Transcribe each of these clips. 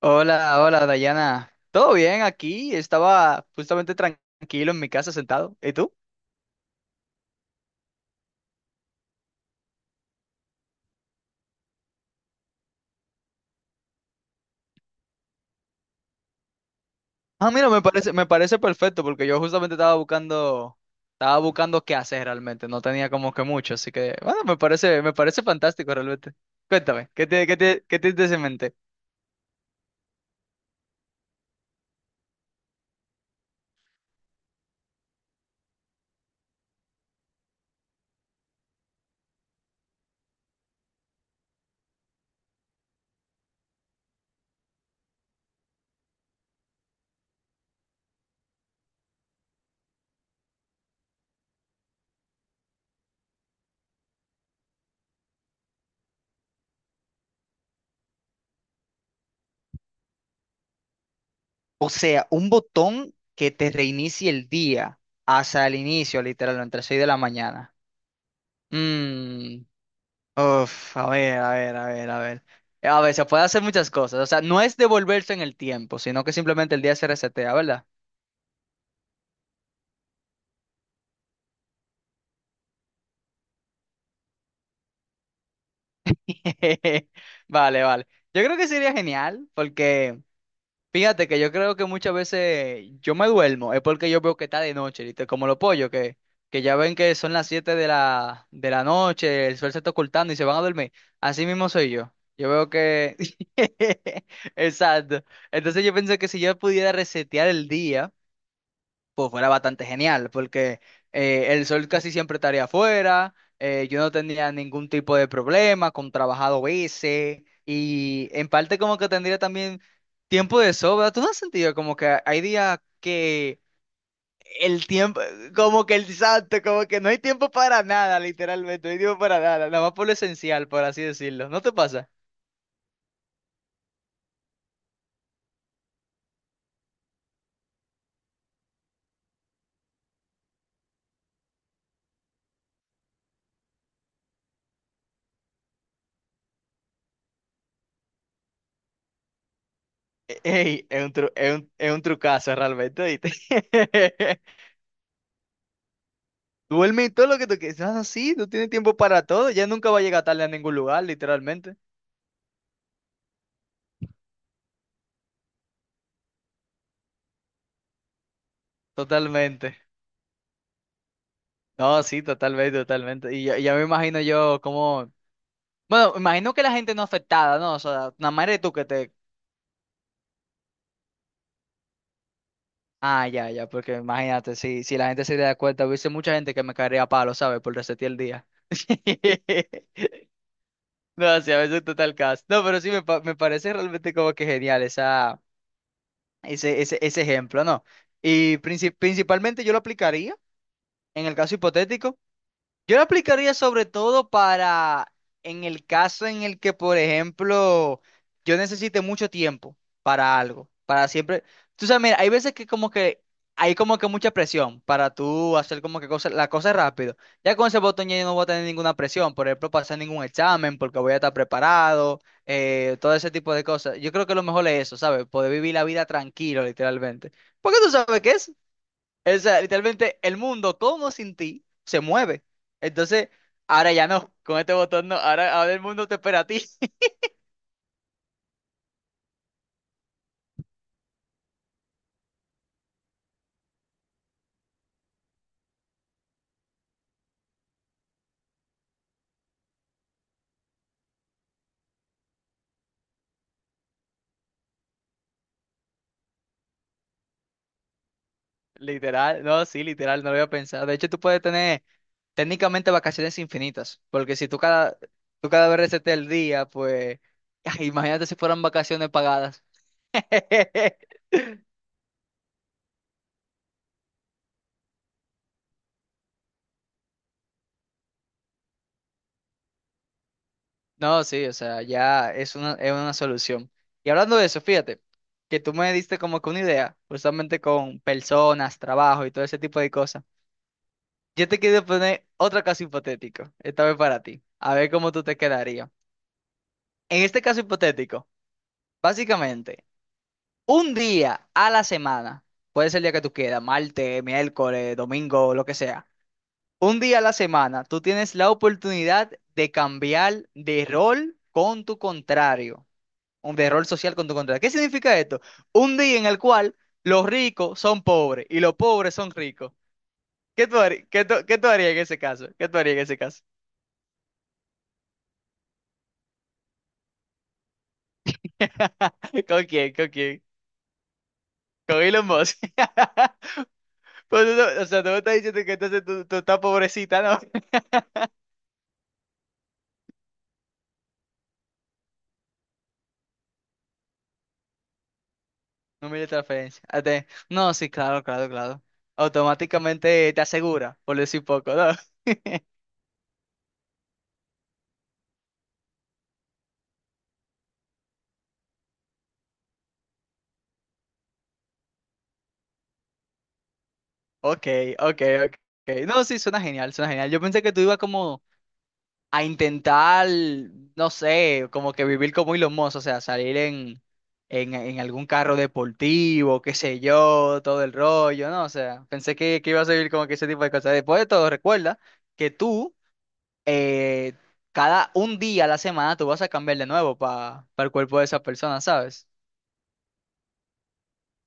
Hola, hola Dayana. ¿Todo bien aquí? Estaba justamente tranquilo en mi casa sentado. ¿Y tú? Ah, mira, me parece perfecto porque yo justamente estaba buscando qué hacer realmente. No tenía como que mucho, así que bueno, me parece fantástico realmente. Cuéntame, qué tienes en mente? O sea, un botón que te reinicie el día hasta el inicio, literalmente, entre 6 de la mañana. Mmm. Uf, a ver, a ver, a ver, a ver. A ver, se puede hacer muchas cosas. O sea, no es devolverse en el tiempo, sino que simplemente el día se resetea, ¿verdad? Vale, vale. Yo creo que sería genial, porque fíjate que yo creo que muchas veces yo me duermo, es porque yo veo que está de noche, ¿viste? Como los pollos, que ya ven que son las 7 de la noche, el sol se está ocultando y se van a dormir. Así mismo soy yo. Yo veo que. Exacto. Entonces yo pienso que si yo pudiera resetear el día pues fuera bastante genial, porque el sol casi siempre estaría afuera, yo no tendría ningún tipo de problema con trabajado ese, y en parte como que tendría también tiempo de sobra. ¿Tú no has sentido como que hay días que el tiempo, como que el santo, como que no hay tiempo para nada, literalmente, no hay tiempo para nada, nada más por lo esencial, por así decirlo, ¿no te pasa? Ey, es un trucazo realmente, ¿oíste? Duerme y todo lo que tú quieras. Ah, sí, tú tienes tiempo para todo. Ya nunca va a llegar tarde a ningún lugar, literalmente. Totalmente. No, sí, totalmente, totalmente. Y ya, ya me imagino yo como. Bueno, imagino que la gente no afectada, ¿no? O sea, nada más eres tú que te. Ah, ya, ya, porque imagínate, si la gente se da cuenta, hubiese mucha gente que me caería a palo, ¿sabes? Por resetear el día. No, sí, a veces total caso. No, pero sí, me parece realmente como que genial ese ejemplo, ¿no? Y principalmente yo lo aplicaría. En el caso hipotético, yo lo aplicaría sobre todo para en el caso en el que, por ejemplo, yo necesite mucho tiempo para algo, para siempre. Tú sabes, mira, hay veces que como que hay como que mucha presión para tú hacer como que cosas, la cosa rápido. Ya con ese botón ya yo no voy a tener ninguna presión, por ejemplo, pasar ningún examen porque voy a estar preparado, todo ese tipo de cosas. Yo creo que lo mejor es eso, ¿sabes? Poder vivir la vida tranquilo, literalmente. Porque tú sabes qué es. O sea, literalmente el mundo todo sin ti se mueve. Entonces, ahora ya no, con este botón no, ahora el mundo te espera a ti. Literal, no, sí, literal, no lo había pensado. De hecho, tú puedes tener técnicamente vacaciones infinitas, porque si tú cada vez reseteas el día, pues, imagínate si fueran vacaciones pagadas. No, sí, o sea, ya es una solución. Y hablando de eso, fíjate, que tú me diste como que una idea, justamente con personas, trabajo y todo ese tipo de cosas. Yo te quiero poner otro caso hipotético, esta vez para ti, a ver cómo tú te quedarías. En este caso hipotético, básicamente, un día a la semana, puede ser el día que tú quieras, martes, miércoles, domingo, lo que sea. Un día a la semana, tú tienes la oportunidad de cambiar de rol con tu contrario, un de rol social con tu contrario. ¿Qué significa esto? Un día en el cual los ricos son pobres y los pobres son ricos. ¿Qué tú harías, qué tú harías en ese caso? ¿Qué tú harías en ese caso? ¿Con quién? ¿Con quién? Con Elon Musk. Pues eso, o sea, tú me estás diciendo que entonces tú estás pobrecita, ¿no? Número de transferencia. Ah, no, sí, claro, claro, claro. Automáticamente te asegura, por decir poco, ¿no? Ok, ok, ok. No, sí, suena genial, suena genial. Yo pensé que tú ibas como a intentar, no sé, como que vivir como Elon Musk, o sea, salir en algún carro deportivo, qué sé yo, todo el rollo, ¿no? O sea, pensé que iba a vivir como que ese tipo de cosas. Después de todo, recuerda que tú, eh, cada un día a la semana, tú vas a cambiar de nuevo para el cuerpo de esa persona, ¿sabes?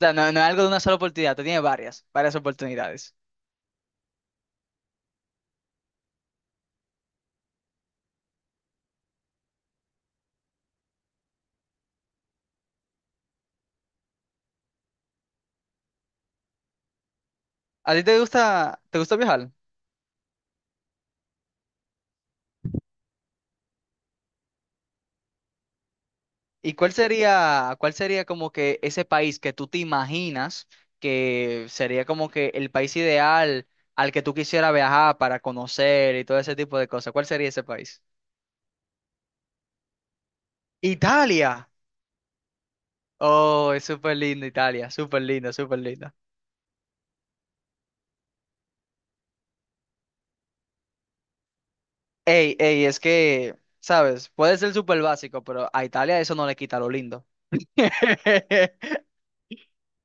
O sea, no, no es algo de una sola oportunidad, tú tienes varias, varias oportunidades. ¿A ti te gusta viajar? ¿Y cuál sería como que ese país que tú te imaginas que sería como que el país ideal al que tú quisieras viajar para conocer y todo ese tipo de cosas? ¿Cuál sería ese país? Italia. Oh, es súper lindo Italia, súper lindo, súper lindo. Ey, ey, es que, ¿sabes? Puede ser súper básico, pero a Italia eso no le quita lo lindo.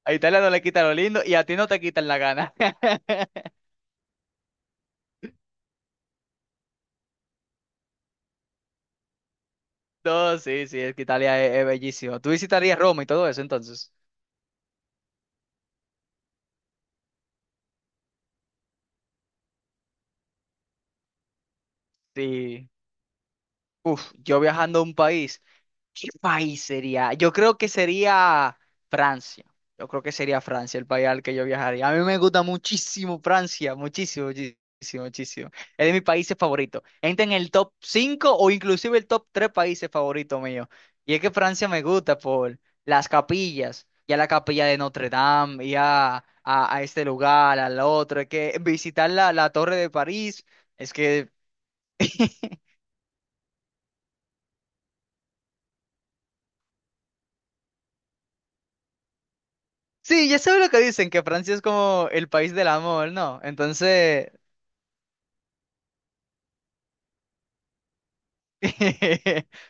A Italia no le quita lo lindo y a ti no te quitan la gana. No, sí, sí, es que Italia es bellísimo. ¿Tú visitarías Roma y todo eso entonces? Sí. Uf, yo viajando a un país, ¿qué país sería? Yo creo que sería Francia. Yo creo que sería Francia el país al que yo viajaría. A mí me gusta muchísimo Francia, muchísimo, muchísimo, muchísimo. Es de mis países favoritos. Entra en el top 5 o inclusive el top 3 países favoritos míos. Y es que Francia me gusta por las capillas, ya la capilla de Notre Dame, ya a este lugar, al otro. Es que visitar la Torre de París, es que... Sí, ya sabes lo que dicen, que Francia es como el país del amor, ¿no? Entonces,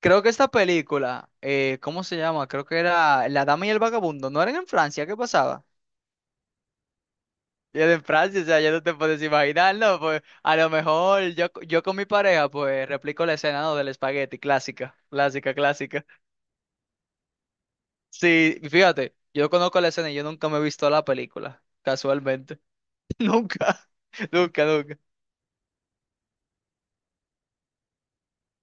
creo que esta película, ¿cómo se llama? Creo que era La Dama y el Vagabundo, ¿no eran en Francia? ¿Qué pasaba? Y era en Francia, o sea, ya no te puedes imaginar, ¿no? Pues a lo mejor yo, yo con mi pareja, pues replico la escena, ¿no? Del espagueti, clásica, clásica, clásica. Sí, fíjate, yo conozco la escena y yo nunca me he visto la película, casualmente. Nunca, nunca, nunca.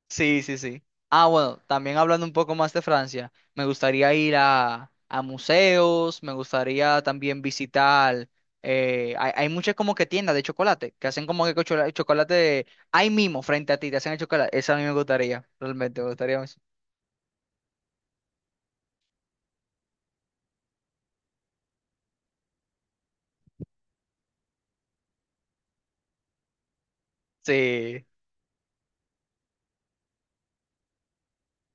Sí, sí, sí. Ah, bueno, también hablando un poco más de Francia, me gustaría ir a museos, me gustaría también visitar, hay muchas como que tiendas de chocolate, que hacen como que chocolate ahí mismo, frente a ti, te hacen el chocolate. Eso a mí me gustaría, realmente, me gustaría mucho. Sí,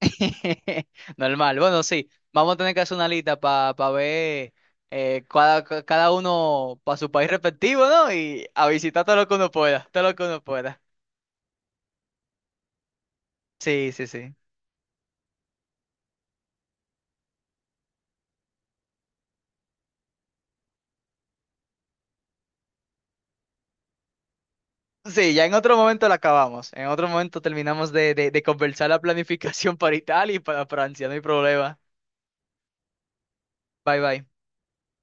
normal. Bueno, sí, vamos a tener que hacer una lista para ver cada uno para su país respectivo, ¿no? Y a visitar todo lo que uno pueda, todo lo que uno pueda. Sí, sí, sí. Sí, ya en otro momento la acabamos. En otro momento terminamos de conversar la planificación para Italia y para Francia. No hay problema. Bye bye.